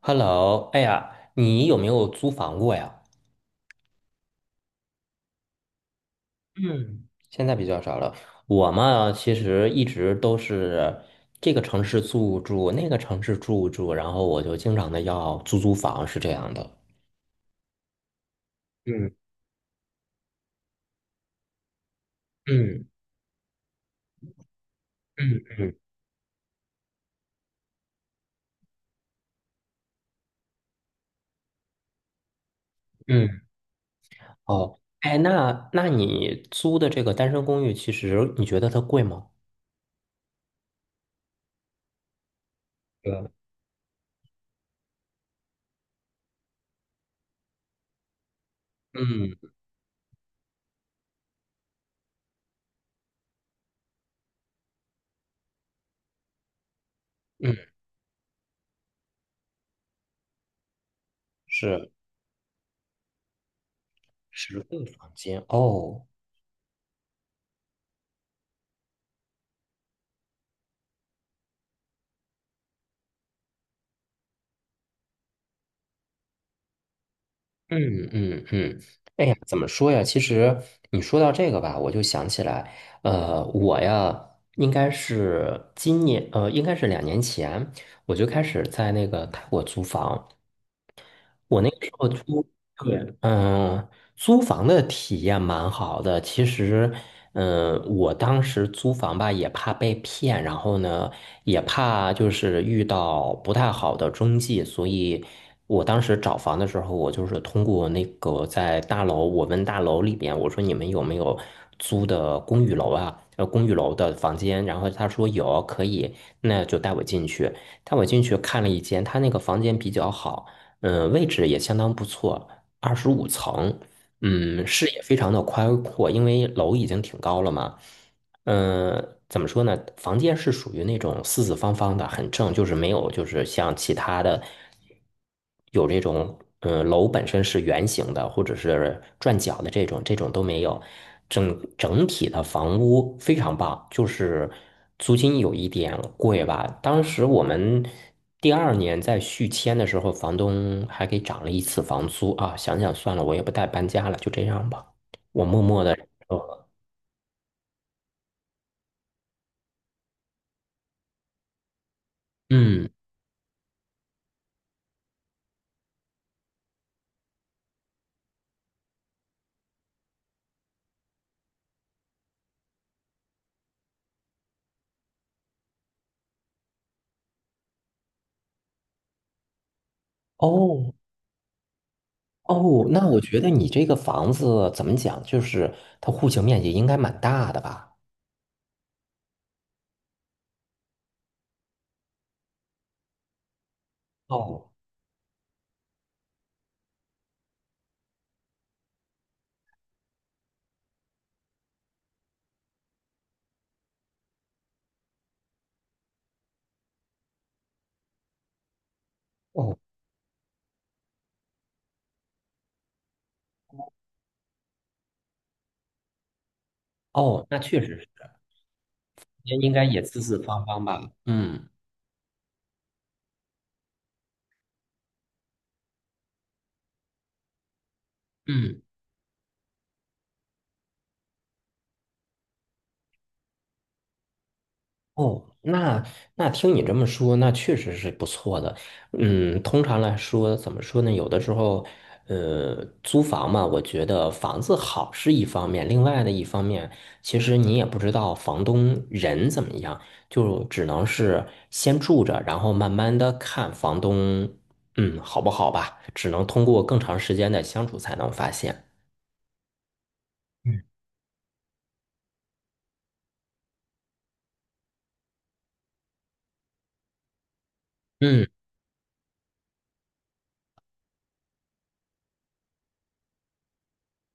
Hello，哎呀，你有没有租房过呀？嗯，现在比较少了。我嘛，其实一直都是这个城市住住，那个城市住住，然后我就经常的要租租房，是这样的。嗯嗯嗯嗯嗯，哦，哎，那你租的这个单身公寓，其实你觉得它贵吗？对，嗯嗯，是10个房间哦。嗯嗯嗯，哎呀，怎么说呀？其实你说到这个吧，我就想起来，我呀，应该是今年，应该是2年前，我就开始在那个泰国租房。我那个时候租，对，嗯，租房的体验蛮好的。其实，嗯，我当时租房吧，也怕被骗，然后呢，也怕就是遇到不太好的中介，所以我当时找房的时候，我就是通过那个在大楼，我问大楼里边，我说你们有没有租的公寓楼啊？公寓楼的房间，然后他说有，可以，那就带我进去，看了一间，他那个房间比较好。嗯、位置也相当不错，25层，嗯，视野非常的宽阔，因为楼已经挺高了嘛。嗯，怎么说呢？房间是属于那种四四方方的，很正，就是没有就是像其他的有这种，嗯，楼本身是圆形的或者是转角的这种，这种都没有。整体的房屋非常棒，就是租金有一点贵吧。当时我们第二年在续签的时候，房东还给涨了一次房租啊。想想算了，我也不带搬家了，就这样吧。我默默的，呃嗯，哦。哦，那我觉得你这个房子怎么讲，就是它户型面积应该蛮大的吧？哦哦哦，那确实是，应该也四四方方吧？嗯嗯。哦，那听你这么说，那确实是不错的。嗯，通常来说，怎么说呢？有的时候，租房嘛，我觉得房子好是一方面，另外的一方面，其实你也不知道房东人怎么样，就只能是先住着，然后慢慢的看房东，嗯，好不好吧？只能通过更长时间的相处才能发现。嗯，嗯，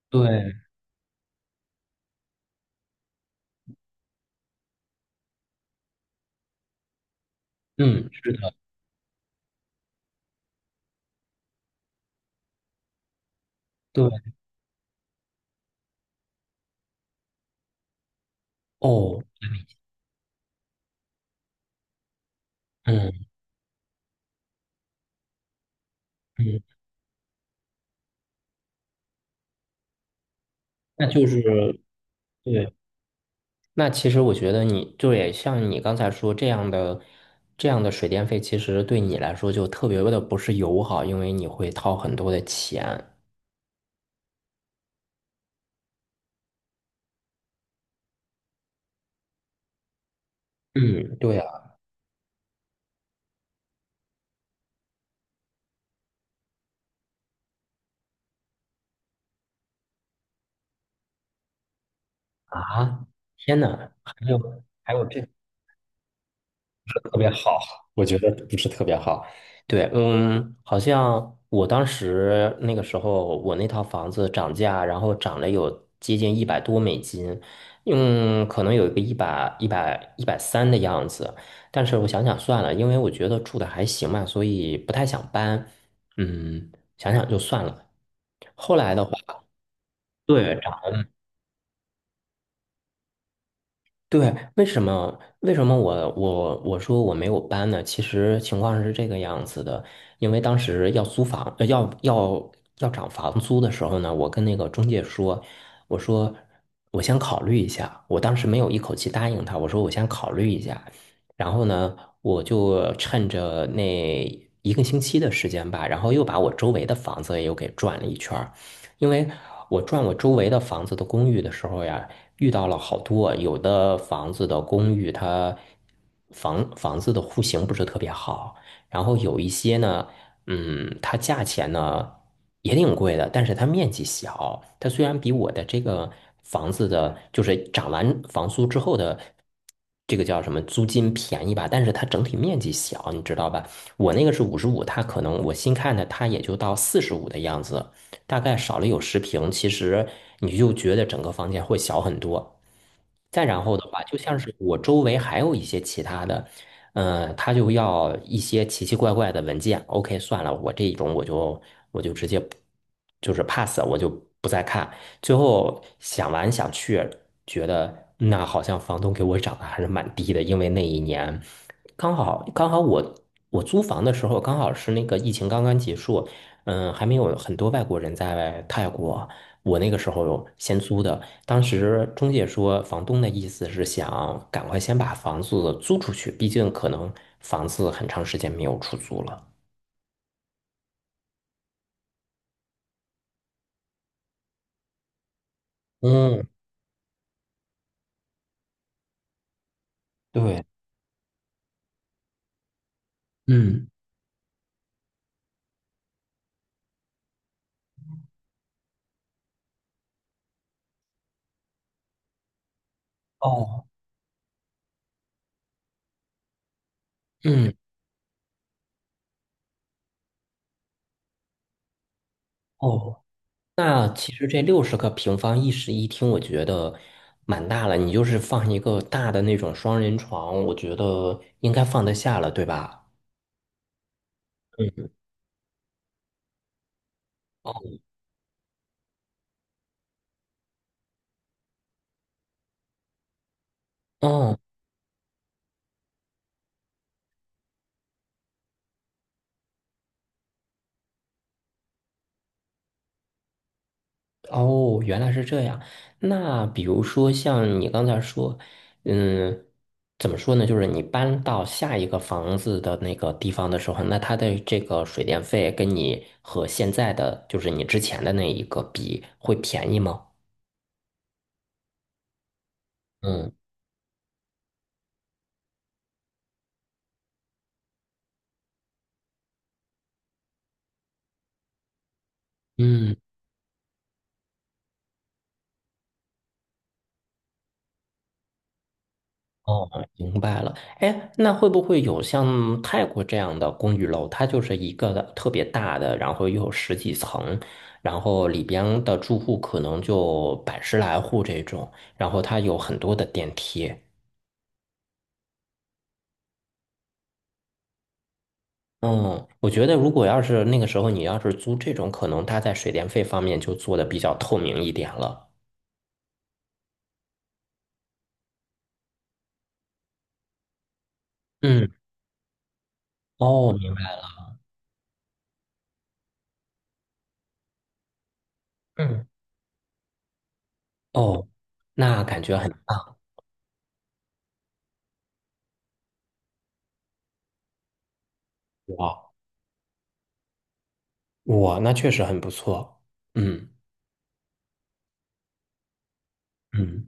对，嗯，是的，对，哦，嗯嗯，那就是。对。那其实我觉得你对，像你刚才说这样的水电费，其实对你来说就特别的不是友好，因为你会掏很多的钱。嗯，对啊，啊，天哪，还有还有这。特别好，我觉得不是特别好。对，嗯，好像我当时那个时候，我那套房子涨价，然后涨了有接近100多美金，嗯，可能有一个一百三的样子。但是我想想算了，因为我觉得住的还行嘛，所以不太想搬。嗯，想想就算了。后来的话，对，对，为什么我说我没有搬呢？其实情况是这个样子的，因为当时要租房，要涨房租的时候呢，我跟那个中介说，我说我先考虑一下，我当时没有一口气答应他，我说我先考虑一下，然后呢，我就趁着那一个星期的时间吧，然后又把我周围的房子又给转了一圈儿，因为我转我周围的房子的公寓的时候呀。遇到了好多，有的房子的公寓它房子的户型不是特别好，然后有一些呢，嗯，它价钱呢也挺贵的，但是它面积小，它虽然比我的这个房子的，就是涨完房租之后的。这个叫什么租金便宜吧，但是它整体面积小，你知道吧？我那个是五十五，它可能我新看的，它也就到四十五的样子。大概少了有10平，其实你就觉得整个房间会小很多。再然后的话，就像是我周围还有一些其他的，嗯，他就要一些奇奇怪怪的文件。OK，算了，我这一种我就直接不就是 pass，我就不再看。最后想完想去，觉得那好像房东给我涨的还是蛮低的，因为那一年刚好我租房的时候刚好是那个疫情刚刚结束，嗯，还没有很多外国人在泰国，我那个时候先租的。当时中介说，房东的意思是想赶快先把房子租出去，毕竟可能房子很长时间没有出租了。嗯，对，嗯，哦，嗯，哦，那其实这60个平方一室一厅，我觉得蛮大了。你就是放一个大的那种双人床，我觉得应该放得下了，对吧？嗯，哦。嗯哦，原来是这样。那比如说像你刚才说，嗯，怎么说呢？就是你搬到下一个房子的那个地方的时候，那它的这个水电费跟你和现在的，就是你之前的那一个比，会便宜吗？嗯嗯。哦，明白了。哎，那会不会有像泰国这样的公寓楼？它就是一个的特别大的，然后又有十几层，然后里边的住户可能就百十来户这种，然后它有很多的电梯。嗯，我觉得如果要是那个时候你要是租这种，可能它在水电费方面就做的比较透明一点了。嗯，哦，明白了嗯，哦，那感觉很棒。哇，哇，那确实很不错。嗯嗯。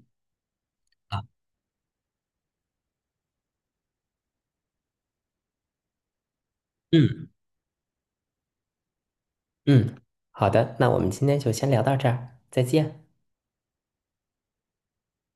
啊嗯。嗯，好的，那我们今天就先聊到这儿，再见。